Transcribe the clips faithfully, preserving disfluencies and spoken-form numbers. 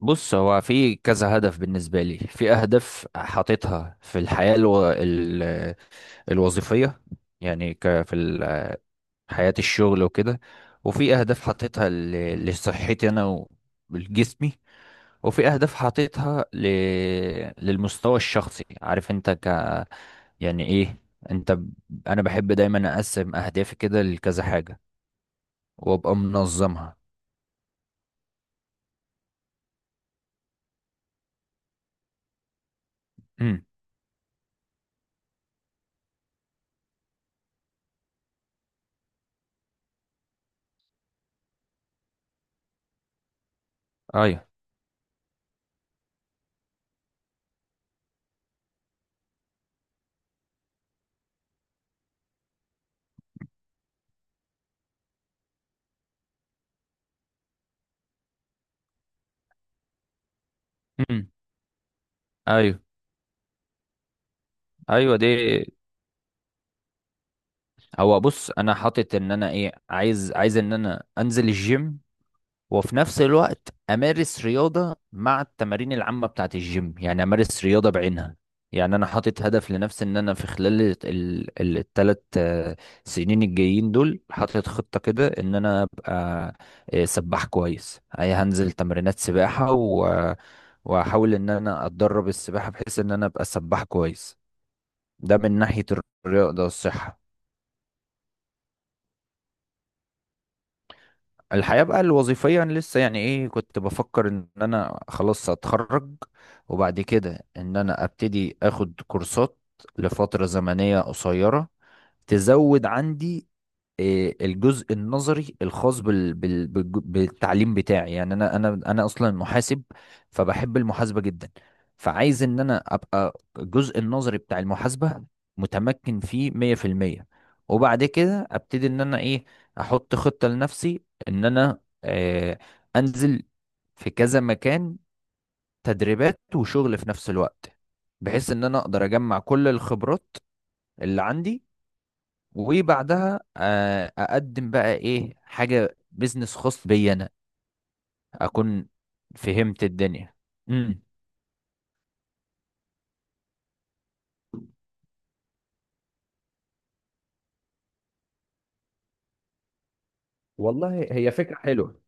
بص، هو في كذا هدف بالنسبة لي. في أهداف حاططها في الحياة الو... ال... الوظيفية. يعني ك... في ال- حياة الشغل وكده. وفي أهداف حاططها ل... لصحتي أنا ولجسمي. وفي أهداف حاططها ل... للمستوى الشخصي. عارف أنت، ك يعني إيه، أنت ب- أنا بحب دايما أقسم أهدافي كده لكذا حاجة، وأبقى منظمها. امم. أيوه. امم. ايوه. ايوه دي. هو بص، انا حاطط ان انا ايه عايز عايز ان انا انزل الجيم، وفي نفس الوقت امارس رياضة مع التمارين العامة بتاعت الجيم، يعني امارس رياضة بعينها. يعني انا حاطط هدف لنفسي ان انا في خلال ال- ال- الثلاث آه، سنين الجايين دول، حاطط خطة كده ان انا ابقى آه، سباح كويس. اي هنزل تمرينات سباحة، و- واحاول ان انا اتدرب السباحة بحيث ان انا ابقى سباح كويس. ده من ناحية الرياضة والصحة. الحياة بقى الوظيفية، أنا لسه يعني ايه كنت بفكر ان انا خلاص هتخرج، وبعد كده ان انا ابتدي اخد كورسات لفترة زمنية قصيرة تزود عندي آه، الجزء النظري الخاص بال... بال... بالج- بالتعليم بتاعي. يعني انا انا انا اصلا محاسب، فبحب المحاسبه جدا، فعايز ان انا ابقى الجزء النظري بتاع المحاسبه متمكن فيه مية بالمية، وبعد كده ابتدي ان انا ايه احط خطه لنفسي ان انا آه انزل في كذا مكان تدريبات وشغل في نفس الوقت، بحيث ان انا اقدر اجمع كل الخبرات اللي عندي، وبعدها آه، اقدم بقى ايه حاجه بيزنس خاص بي انا، اكون فهمت الدنيا. امم. والله، هي فكرة حلوة،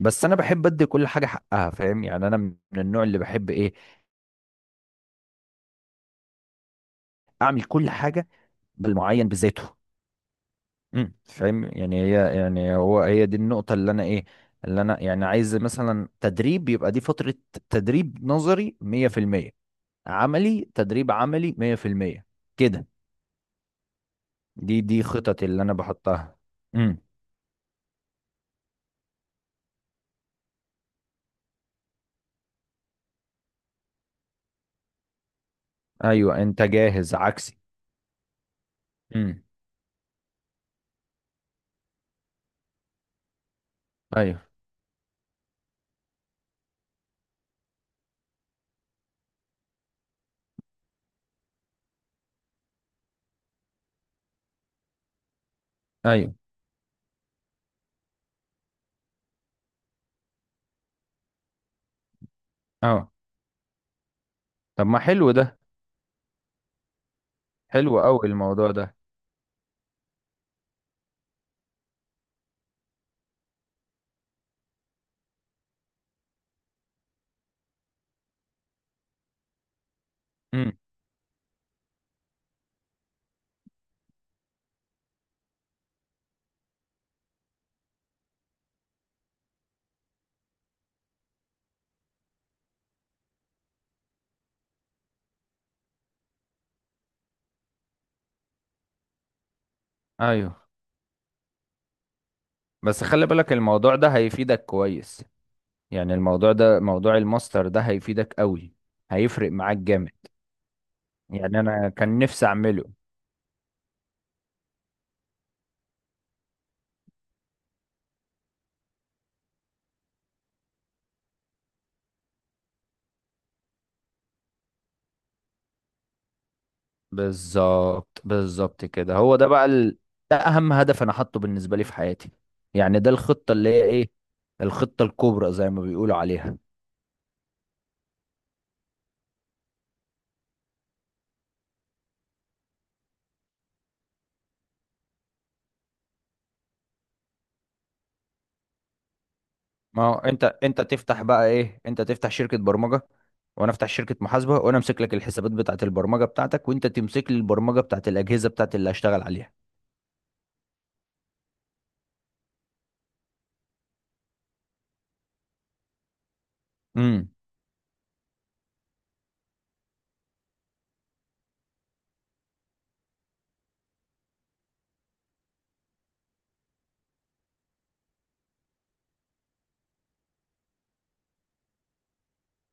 بس انا بحب ادي كل حاجه حقها. فاهم؟ يعني انا من النوع اللي بحب ايه اعمل كل حاجه بالمعين بذاته. امم، فاهم؟ يعني هي، يعني هو، هي دي النقطه اللي انا ايه اللي انا يعني عايز، مثلا تدريب. يبقى دي فتره تدريب نظري مية بالمية، عملي تدريب عملي مية بالمية، كده. دي دي خططي اللي انا بحطها. امم. ايوه، انت جاهز عكسي. امم. ايوه. ايوه. اه. طب ما حلو ده، حلو قوي الموضوع ده. امم. ايوه. بس خلي بالك الموضوع ده هيفيدك كويس. يعني الموضوع ده، موضوع الماستر ده، هيفيدك قوي، هيفرق معاك جامد. يعني انا كان نفسي اعمله. بالظبط بالظبط كده، هو ده بقى ال... ده اهم هدف انا حاطه بالنسبة لي في حياتي. يعني ده الخطة اللي هي ايه، الخطة الكبرى زي ما بيقولوا عليها. ما هو انت انت تفتح بقى ايه، انت تفتح شركة برمجة، وانا افتح شركة محاسبة، وانا امسك لك الحسابات بتاعة البرمجة بتاعتك، وانت تمسك لي البرمجة بتاعة الأجهزة بتاعة اللي هشتغل عليها. امم.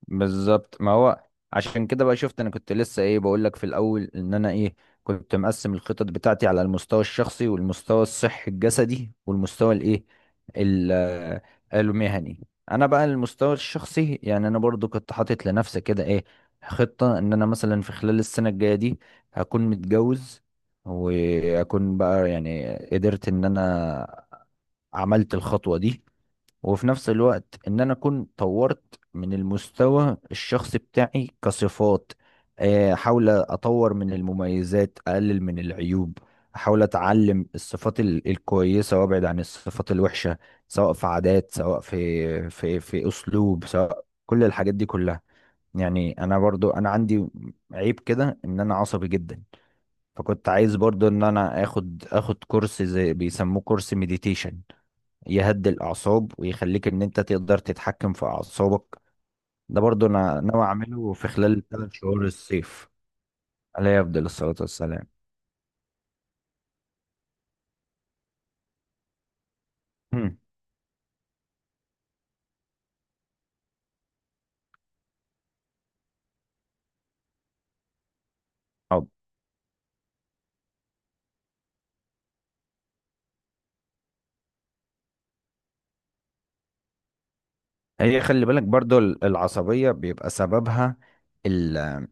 بالظبط. ما هو عشان كده بقى شفت، انا كنت لسه ايه بقول لك في الاول ان انا ايه كنت مقسم الخطط بتاعتي على المستوى الشخصي، والمستوى الصحي الجسدي، والمستوى الايه ال- آه، المهني. انا بقى المستوى الشخصي، يعني انا برضو كنت حاطط لنفسي كده ايه خطة ان انا مثلا في خلال السنة الجاية دي هكون متجوز، واكون بقى يعني قدرت ان انا عملت الخطوة دي. وفي نفس الوقت ان انا اكون طورت من المستوى الشخصي بتاعي كصفات. آه، احاول اطور من المميزات، اقلل من العيوب، احاول اتعلم الصفات ال- الكويسه وابعد عن الصفات الوحشه، سواء في عادات، سواء في في في اسلوب، سواء كل الحاجات دي كلها. يعني انا برضو انا عندي عيب كده ان انا عصبي جدا. فكنت عايز برضو ان انا اخد اخد كورس زي بيسموه كورس مديتيشن، يهدي الأعصاب ويخليك إن أنت تقدر تتحكم في أعصابك. ده برضو أنا ناوي أعمله في خلال ثلاث شهور الصيف. عليه أفضل الصلاة والسلام. هم. طب، هي خلي بالك برضو ال- العصبية بيبقى سببها ال-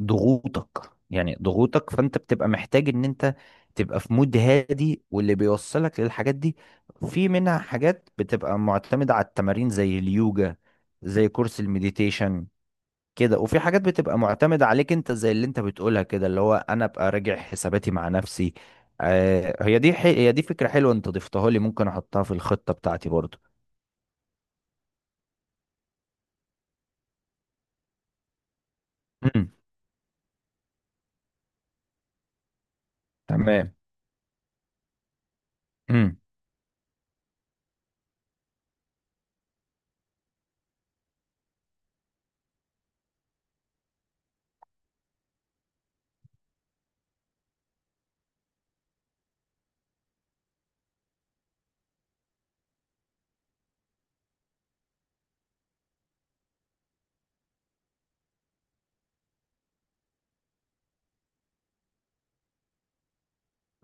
ضغوطك. يعني ضغوطك، فأنت بتبقى محتاج إن أنت تبقى في مود هادي. واللي بيوصلك للحاجات دي، في منها حاجات بتبقى معتمدة على التمارين زي اليوجا، زي كورس المديتيشن كده. وفي حاجات بتبقى معتمدة عليك انت، زي اللي انت بتقولها كده، اللي هو انا ابقى راجع حساباتي مع نفسي. آه هي دي حي... هي دي فكرة حلوة، انت ضفتها لي، ممكن احطها في الخطة بتاعتي برضو. امم. تمام. امم.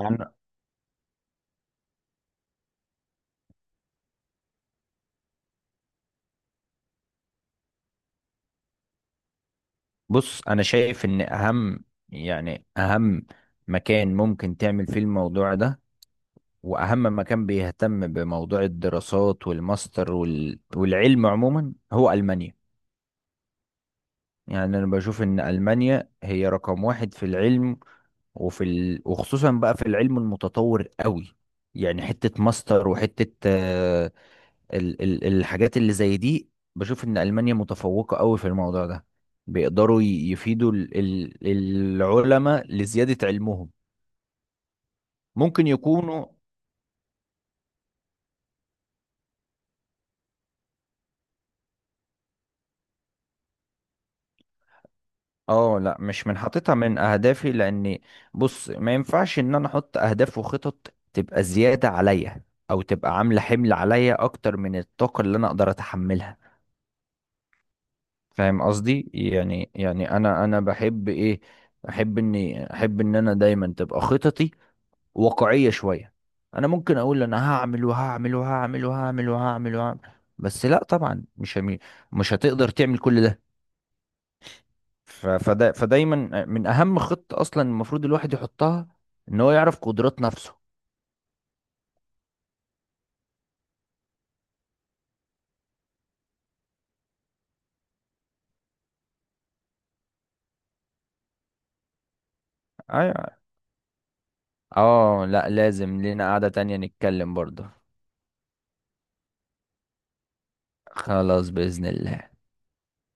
انا بص، انا شايف ان اهم، يعني اهم مكان ممكن تعمل فيه الموضوع ده، واهم مكان بيهتم بموضوع الدراسات والماستر وال... والعلم عموما، هو المانيا. يعني انا بشوف ان المانيا هي رقم واحد في العلم، وفي ال... وخصوصا بقى في العلم المتطور قوي. يعني حتة ماستر وحتة آه، ال... ال... الحاجات اللي زي دي، بشوف ان ألمانيا متفوقة قوي في الموضوع ده. بيقدروا ي- يفيدوا ال... ال... العلماء لزيادة علمهم. ممكن يكونوا. اه. لا، مش من حاططها من اهدافي. لاني، بص، ما ينفعش ان انا احط اهداف وخطط تبقى زيادة عليا او تبقى عاملة حمل عليا اكتر من الطاقة اللي انا اقدر اتحملها. فاهم قصدي؟ يعني يعني انا انا بحب ايه، احب اني احب ان انا دايما تبقى خططي واقعية شوية. انا ممكن اقول انا هعمل وهعمل وهعمل وهعمل وهعمل وهعمل، بس لا طبعا مش هم- مش هتقدر تعمل كل ده. ف- فدا فدايما من اهم خطة اصلا المفروض الواحد يحطها ان هو يعرف قدرات نفسه. ايوه. اه. لا، لازم لينا قعدة تانية نتكلم برضه. خلاص، بإذن الله.